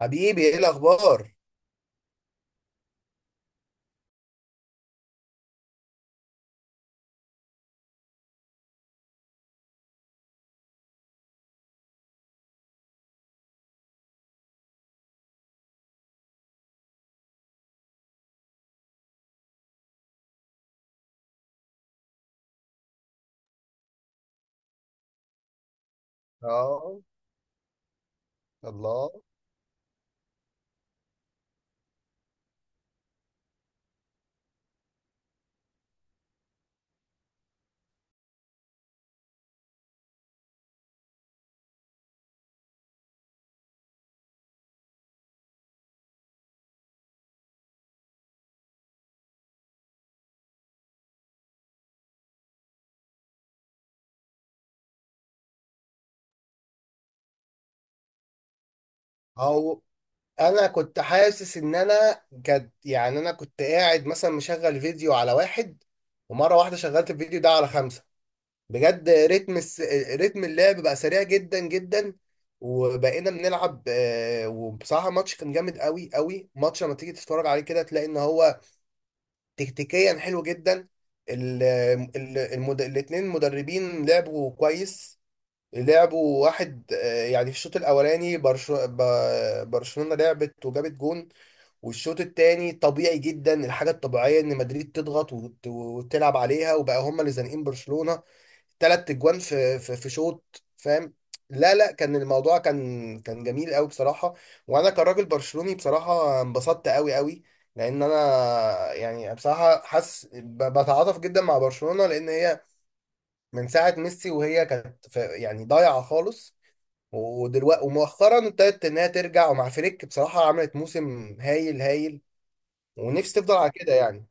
حبيبي، ايه الاخبار؟ اه. الله. او، انا كنت حاسس ان انا كد يعني انا كنت قاعد مثلا مشغل فيديو على واحد. ومره واحده شغلت الفيديو ده على خمسة. بجد، رتم اللعب بقى سريع جدا جدا. وبقينا بنلعب، وبصراحه الماتش كان جامد قوي قوي. ماتش لما تيجي تتفرج عليه كده، تلاقي ان هو تكتيكيا حلو جدا. ال... الاتنين مدربين لعبوا كويس. لعبوا واحد، يعني في الشوط الاولاني برشلونة لعبت وجابت جون. والشوط التاني طبيعي جدا. الحاجه الطبيعيه ان مدريد تضغط وتلعب عليها، وبقى هم اللي زانقين برشلونة تلات اجوان في شوط، فاهم. لا لا، كان الموضوع كان جميل قوي بصراحة. وانا كراجل برشلوني بصراحة انبسطت قوي قوي، لان انا يعني بصراحة حاسس بتعاطف جدا مع برشلونة، لان هي من ساعة ميسي وهي كانت يعني ضايعة خالص. ودلوقتي ومؤخرا ابتدت انها ترجع، ومع فريك بصراحه عملت موسم هايل هايل. ونفسي تفضل على كده يعني.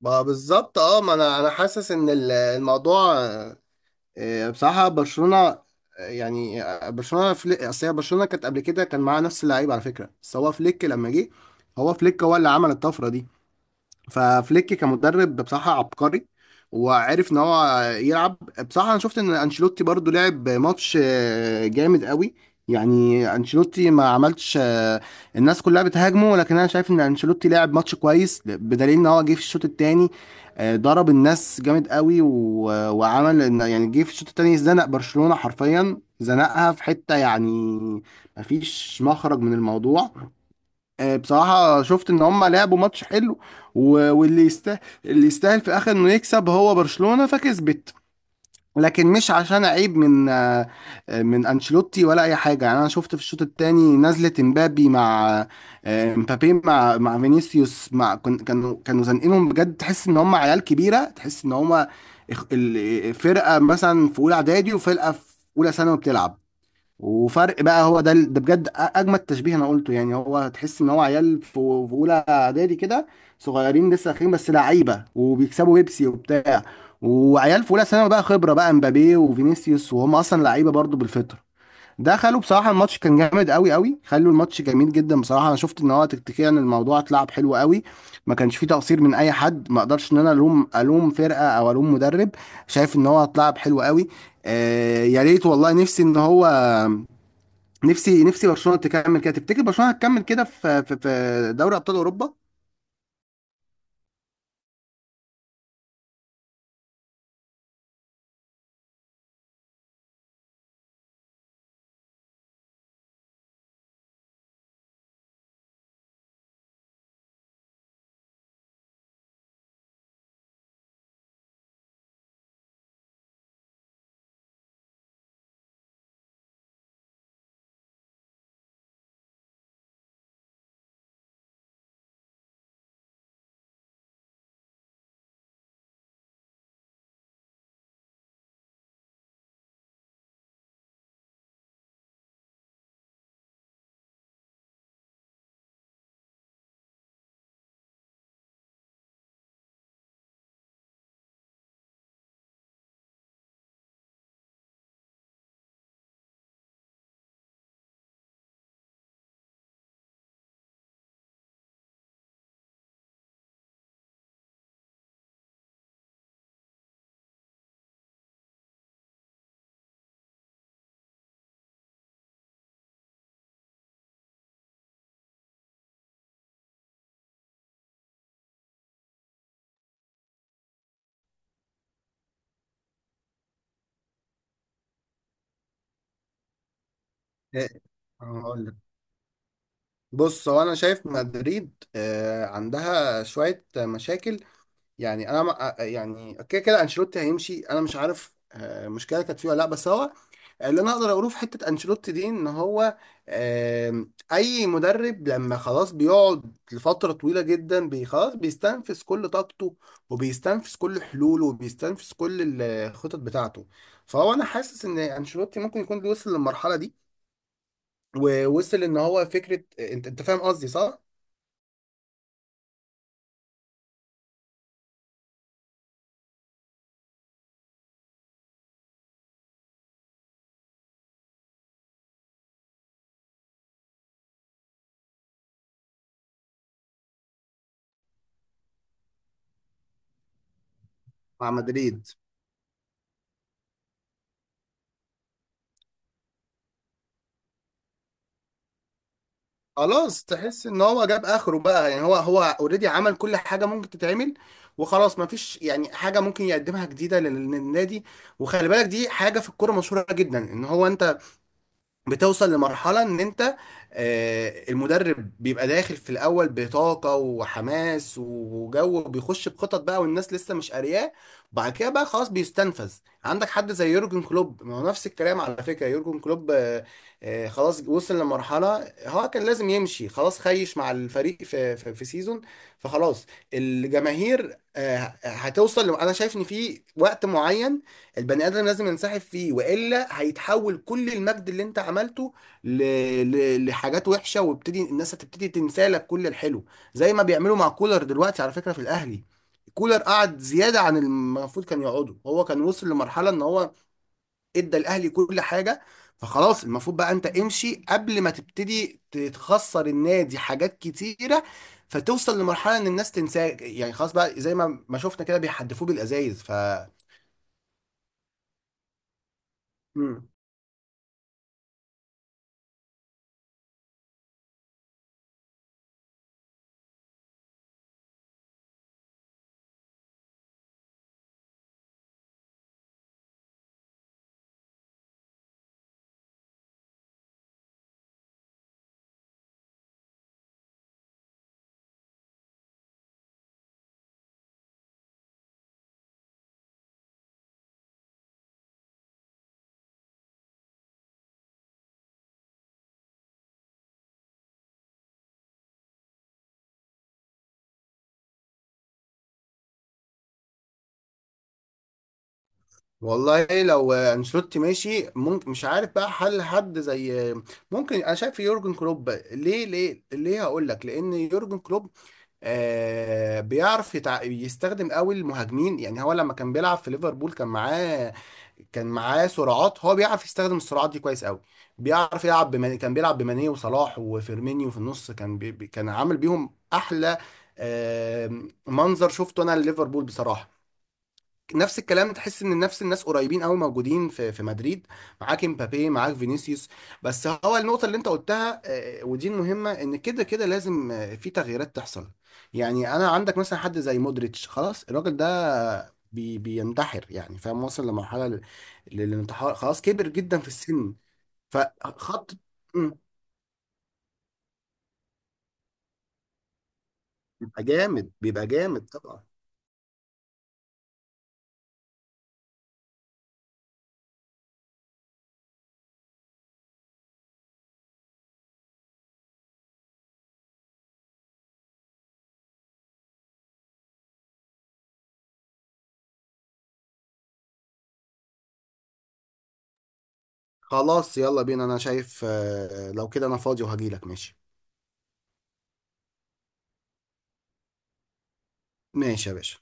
ما بالظبط، اه، ما انا حاسس ان الموضوع، بصراحه برشلونه، يعني، برشلونه فليك. اصل هي برشلونه كانت قبل كده كان معاها نفس اللعيبه على فكره، بس هو فليك لما جه، هو فليك هو اللي عمل الطفره دي. ففليك كمدرب بصراحة عبقري، وعرف ان هو يلعب. بصراحة انا شفت ان انشيلوتي برضو لعب ماتش جامد قوي. يعني انشيلوتي ما عملش، الناس كلها بتهاجمه، لكن انا شايف ان انشيلوتي لعب ماتش كويس، بدليل ان هو جه في الشوط التاني ضرب الناس جامد قوي، وعمل يعني جه في الشوط التاني زنق برشلونة حرفيا، زنقها في حتة يعني مفيش مخرج من الموضوع. بصراحة شفت ان هم لعبوا ماتش حلو، واللي يستاهل، اللي يستاهل في الاخر انه يكسب هو برشلونة، فكسبت. لكن مش عشان عيب من، من انشيلوتي ولا اي حاجة. يعني انا شفت في الشوط الثاني نزلة امبابي مع، مبابي مع فينيسيوس مع كانوا زنقينهم بجد. تحس ان هم عيال كبيرة، تحس ان هم فرقة مثلا في اولى اعدادي وفرقة في اولى ثانوي بتلعب. وفرق بقى، هو ده بجد اجمد تشبيه انا قلته. يعني هو هتحس ان هو عيال في اولى اعدادي كده، صغيرين لسه اخرين بس لعيبه وبيكسبوا بيبسي وبتاع. وعيال في اولى ثانوي بقى خبره، بقى امبابي وفينيسيوس، وهم اصلا لعيبه برضو بالفطره. دخلوا بصراحه، الماتش كان جامد قوي قوي، خلوا الماتش جميل جدا. بصراحه انا شفت ان هو تكتيكيا الموضوع اتلعب حلو قوي. ما كانش فيه تقصير من اي حد. ما اقدرش ان انا الوم، الوم فرقه او الوم مدرب. شايف ان هو اتلعب حلو قوي. آه يا ريت والله، نفسي ان هو، نفسي نفسي برشلونه تكمل كده. تفتكر برشلونه هتكمل كده في في دوري ابطال اوروبا؟ إيه، هقول لك. بص، هو انا شايف مدريد عندها شويه مشاكل. يعني انا يعني كده كده انشيلوتي هيمشي. انا مش عارف مشكله كانت فيه ولا لا، بس هو اللي انا اقدر اقوله في حته انشيلوتي دي، ان هو اي مدرب لما خلاص بيقعد لفتره طويله جدا خلاص بيستنفذ كل طاقته، وبيستنفذ كل حلوله، وبيستنفذ كل الخطط بتاعته. فهو انا حاسس ان انشيلوتي ممكن يكون وصل للمرحله دي، ووصل ان هو فكره. انت فاهم قصدي صح؟ مع مدريد. خلاص، تحس ان هو جاب اخره بقى. يعني هو اوريدي عمل كل حاجه ممكن تتعمل، وخلاص ما فيش يعني حاجه ممكن يقدمها جديده للنادي. وخلي بالك، دي حاجه في الكوره مشهوره جدا، ان هو انت بتوصل لمرحلة ان انت، المدرب بيبقى داخل في الاول بطاقة وحماس وجو، بيخش بخطط بقى والناس لسه مش قارياه، وبعد كده بقى خلاص بيستنفذ. عندك حد زي يورجن كلوب. ما هو نفس الكلام على فكرة، يورجن كلوب خلاص وصل لمرحلة هو كان لازم يمشي. خلاص خيش مع الفريق في سيزون، فخلاص الجماهير هتوصل. انا شايف ان في وقت معين البني ادم لازم ينسحب فيه، والا هيتحول كل المجد اللي انت عملته ل... لحاجات وحشه، ويبتدي الناس، هتبتدي تنسى لك كل الحلو. زي ما بيعملوا مع كولر دلوقتي على فكره في الاهلي. كولر قعد زياده عن المفروض كان يقعده. هو كان وصل لمرحله ان هو ادى الاهلي كل حاجه، فخلاص المفروض بقى انت امشي قبل ما تبتدي تخسر النادي حاجات كتيره، فتوصل لمرحله ان الناس تنساك. يعني خلاص بقى زي ما شفنا كده بيحدفوه بالازايز. ف، والله لو انشيلوتي ماشي ممكن، مش عارف بقى، حل حد زي، ممكن انا شايف يورجن كلوب. ليه، هقول لك. لان يورجن كلوب آه بيعرف يستخدم قوي المهاجمين. يعني هو لما كان بيلعب في ليفربول كان معاه، كان معاه سرعات. هو بيعرف يستخدم السرعات دي كويس قوي. بيعرف يلعب كان بيلعب بماني وصلاح وفيرمينيو في النص. كان كان عامل بيهم احلى آه منظر شفته انا لليفربول بصراحة. نفس الكلام، تحس ان نفس الناس قريبين قوي موجودين في مدريد. معاك امبابي، معاك فينيسيوس. بس هو النقطه اللي انت قلتها، ودي المهمه، ان كده كده لازم، في تغييرات تحصل. يعني انا عندك مثلا حد زي مودريتش، خلاص الراجل ده بي بينتحر يعني، فاهم، وصل لمرحله للانتحار، خلاص كبر جدا في السن. فخط. مم. بيبقى جامد، بيبقى جامد طبعا. خلاص يلا بينا. انا شايف، لو كده انا فاضي وهجيلك. ماشي. ماشي يا باشا.